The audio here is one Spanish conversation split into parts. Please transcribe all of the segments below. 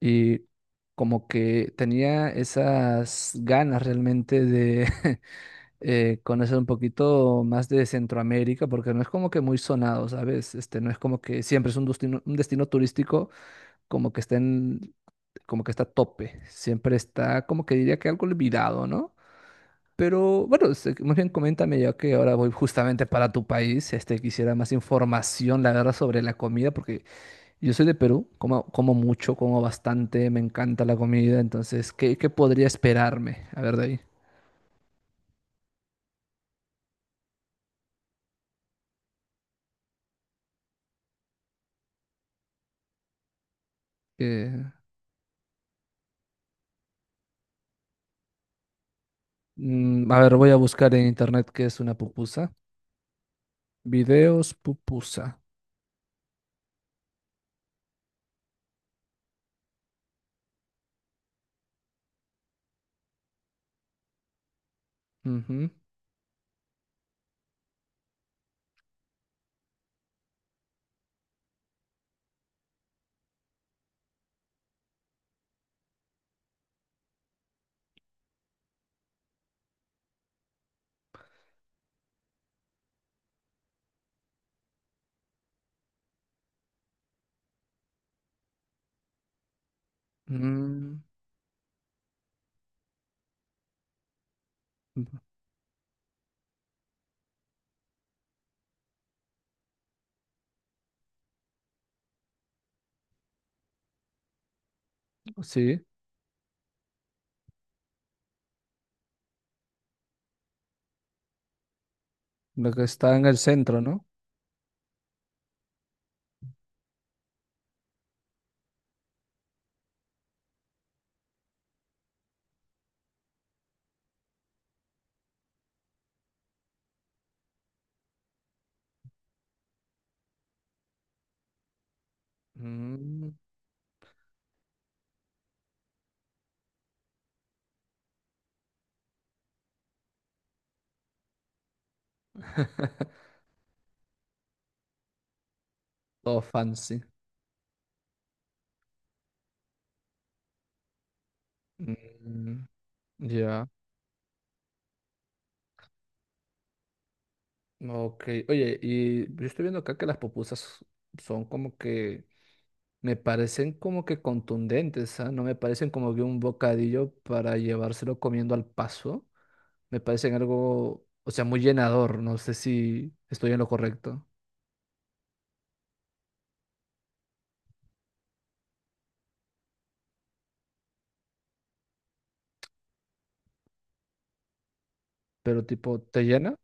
Y como que tenía esas ganas realmente de conocer un poquito más de Centroamérica, porque no es como que muy sonado, ¿sabes? Este, no es como que siempre es un destino turístico como que como que está a tope. Siempre está como que diría que algo olvidado, ¿no? Pero bueno, este, más bien coméntame ya que ahora voy justamente para tu país, este, quisiera más información, la verdad, sobre la comida, porque yo soy de Perú, como, como mucho, como bastante, me encanta la comida, entonces, ¿qué, qué podría esperarme? A ver, de ahí. eh, mm, a ver, voy a buscar en internet qué es una pupusa. Videos pupusa. Ujú. Mm, sí, lo que está en el centro, ¿no? Mm. Todo fancy. Mm, ya. Ok. Oye, y yo estoy viendo acá que las pupusas son como que me parecen como que contundentes, ¿ah? No me parecen como que un bocadillo para llevárselo comiendo al paso. Me parecen algo, o sea, muy llenador. No sé si estoy en lo correcto, pero tipo, ¿te llena?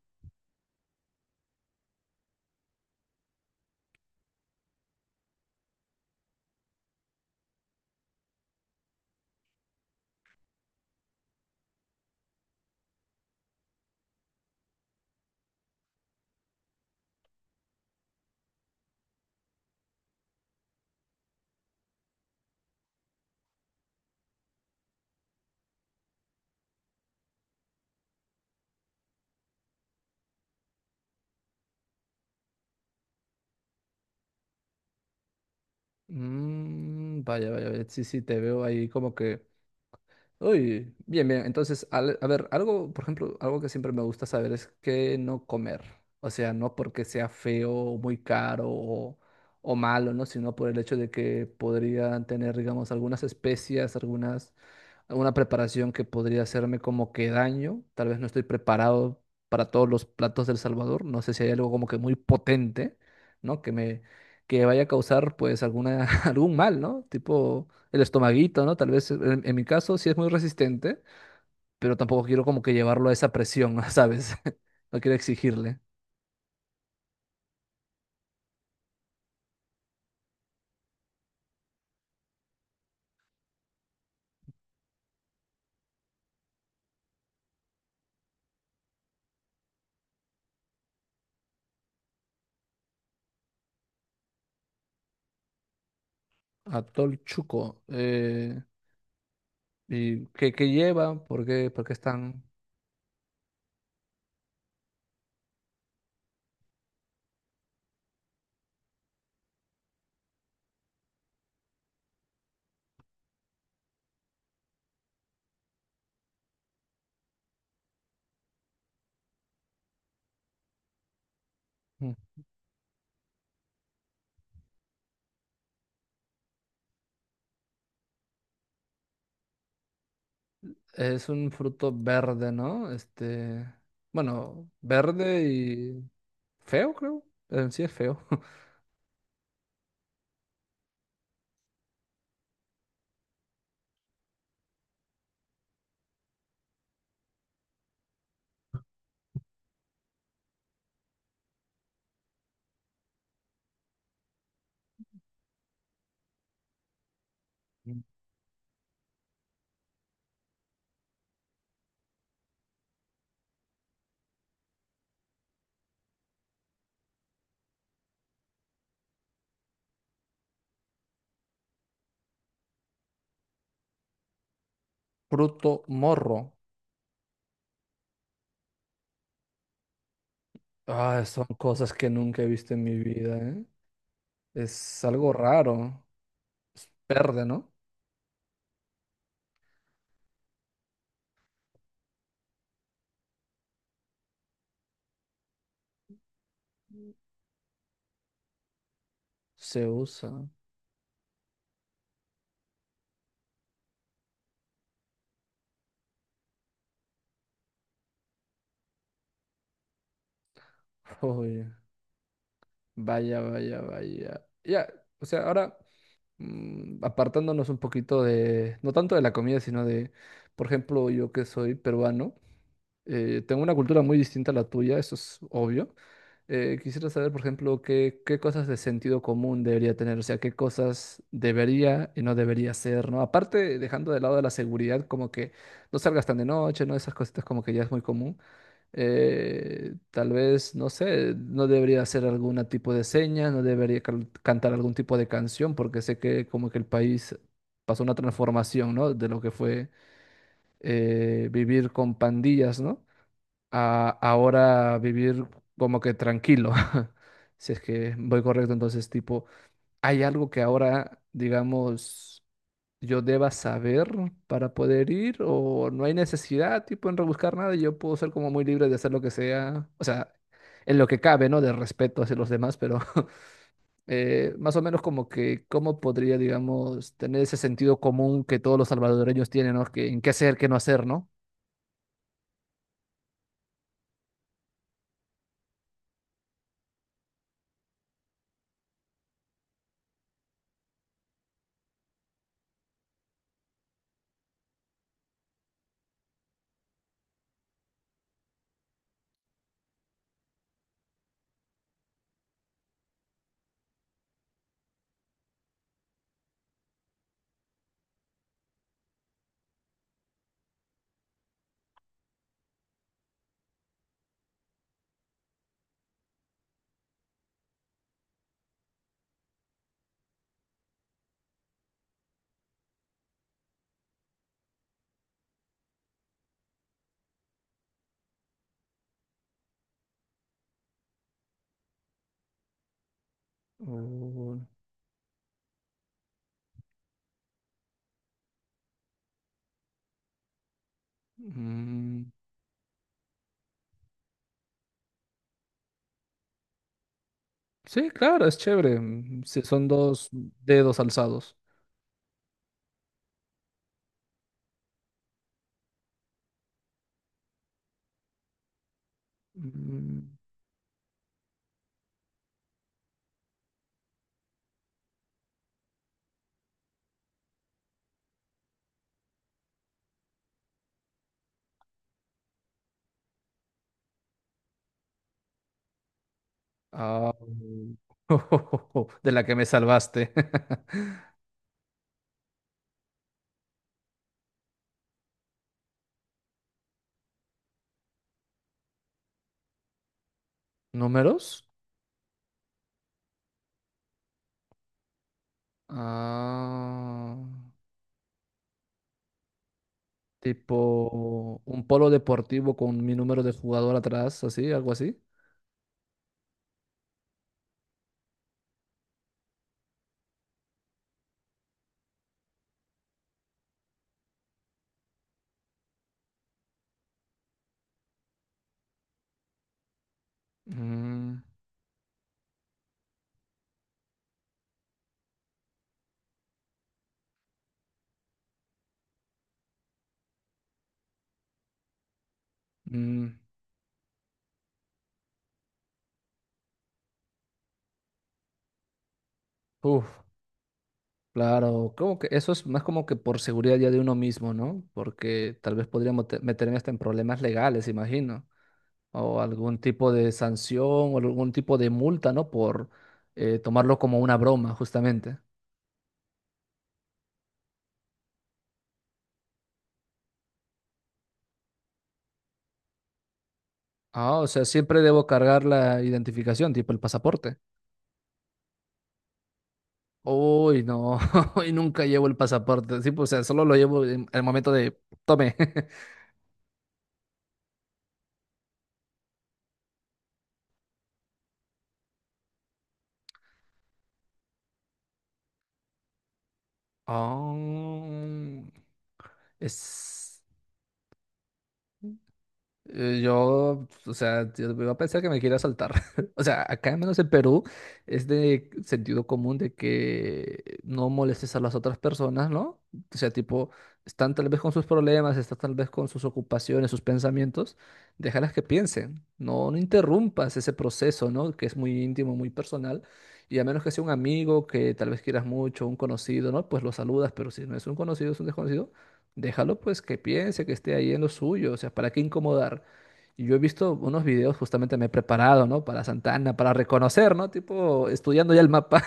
Mm, vaya, vaya, vaya, sí, sí, te veo ahí como que uy, bien, bien. Entonces, a ver, algo, por ejemplo, algo que siempre me gusta saber es qué no comer. O sea, no porque sea feo o muy caro o malo, ¿no? Sino por el hecho de que podrían tener, digamos, algunas especias, algunas una preparación que podría hacerme como que daño. Tal vez no estoy preparado para todos los platos del Salvador. No sé si hay algo como que muy potente, ¿no? Que vaya a causar pues alguna algún mal, ¿no? Tipo el estomaguito, ¿no? Tal vez en mi caso sí es muy resistente, pero tampoco quiero como que llevarlo a esa presión, ¿sabes? No quiero exigirle. Atol Chuco. ¿Y qué, qué lleva? Por qué están? Mm. ¿Es un fruto verde, no? Este, bueno, verde y feo, creo. En sí es feo. Fruto morro. Ah, son cosas que nunca he visto en mi vida, ¿eh? Es algo raro. Es verde, ¿no? Se usa. Oye, vaya, vaya, vaya. Ya, o sea, ahora mm, apartándonos un poquito de, no tanto de la comida, sino de, por ejemplo, yo que soy peruano. Tengo una cultura muy distinta a la tuya, eso es obvio. Quisiera saber, por ejemplo, qué, qué cosas de sentido común debería tener, o sea, qué cosas debería y no debería ser, ¿no? Aparte, dejando de lado la seguridad, como que no salgas tan de noche, ¿no? Esas cositas como que ya es muy común. Tal vez, no sé, no debería hacer algún tipo de seña, no debería cantar algún tipo de canción, porque sé que como que el país pasó una transformación, ¿no? De lo que fue vivir con pandillas, ¿no? A ahora vivir como que tranquilo, si es que voy correcto. Entonces, tipo, ¿hay algo que ahora, digamos, yo deba saber para poder ir o no hay necesidad, tipo, en rebuscar nada? Y yo puedo ser como muy libre de hacer lo que sea, o sea, en lo que cabe, ¿no? De respeto hacia los demás, pero más o menos como que, ¿cómo podría, digamos, tener ese sentido común que todos los salvadoreños tienen, ¿no? Que, en qué hacer, qué no hacer, ¿no? O, mm. Sí, claro, es chévere. Mm, sí, son dos dedos alzados. Mm, ah, de la que me salvaste. ¿Números? Ah, tipo un polo deportivo con mi número de jugador atrás, así, algo así. Mm, mm, uf, claro, como que eso es más como que por seguridad ya de uno mismo, ¿no? Porque tal vez podría meterme hasta en problemas legales, imagino. O algún tipo de sanción o algún tipo de multa, ¿no? Por tomarlo como una broma, justamente. Ah, o sea, siempre debo cargar la identificación, tipo el pasaporte. Uy, no, y nunca llevo el pasaporte. Sí, pues, o sea, solo lo llevo en el momento de tome. Oh, es. Yo, o sea, yo iba a pensar que me quiere asaltar. O sea, acá al menos en Perú es de sentido común de que no molestes a las otras personas, ¿no? O sea, tipo, están tal vez con sus problemas, están tal vez con sus ocupaciones, sus pensamientos, déjalas que piensen. No, no interrumpas ese proceso, ¿no? Que es muy íntimo, muy personal. Y a menos que sea un amigo que tal vez quieras mucho, un conocido, ¿no? Pues lo saludas, pero si no es un conocido, es un desconocido. Déjalo pues que piense, que esté ahí en lo suyo, o sea, ¿para qué incomodar? Y yo he visto unos videos, justamente me he preparado, ¿no? Para Santana, para reconocer, ¿no? Tipo, estudiando ya el mapa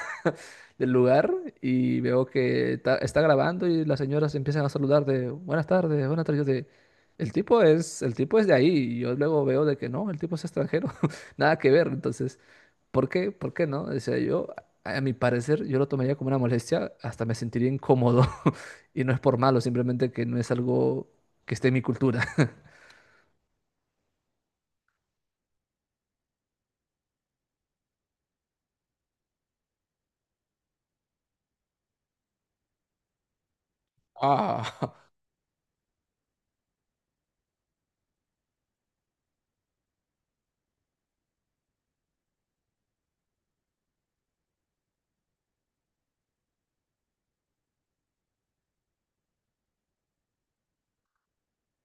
del lugar y veo que está, grabando y las señoras empiezan a saludar de buenas tardes, buenas tardes. Yo de, el tipo es de ahí. Y yo luego veo de que no, el tipo es extranjero, nada que ver. Entonces, ¿por qué? ¿Por qué no? Decía yo, a mi parecer, yo lo tomaría como una molestia, hasta me sentiría incómodo. Y no es por malo, simplemente que no es algo que esté en mi cultura. Ah,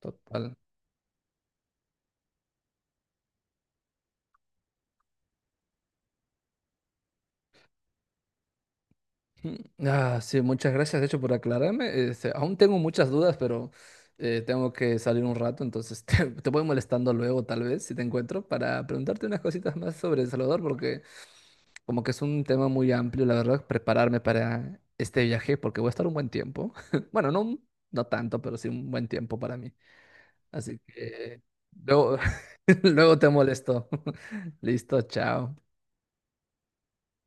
total. Ah, sí, muchas gracias, de hecho, por aclararme. Este, aún tengo muchas dudas, pero tengo que salir un rato, entonces te voy molestando luego, tal vez, si te encuentro, para preguntarte unas cositas más sobre El Salvador, porque como que es un tema muy amplio, la verdad, prepararme para este viaje, porque voy a estar un buen tiempo. Bueno, no, no tanto, pero sí un buen tiempo para mí. Así que luego, luego te molesto. Listo, chao.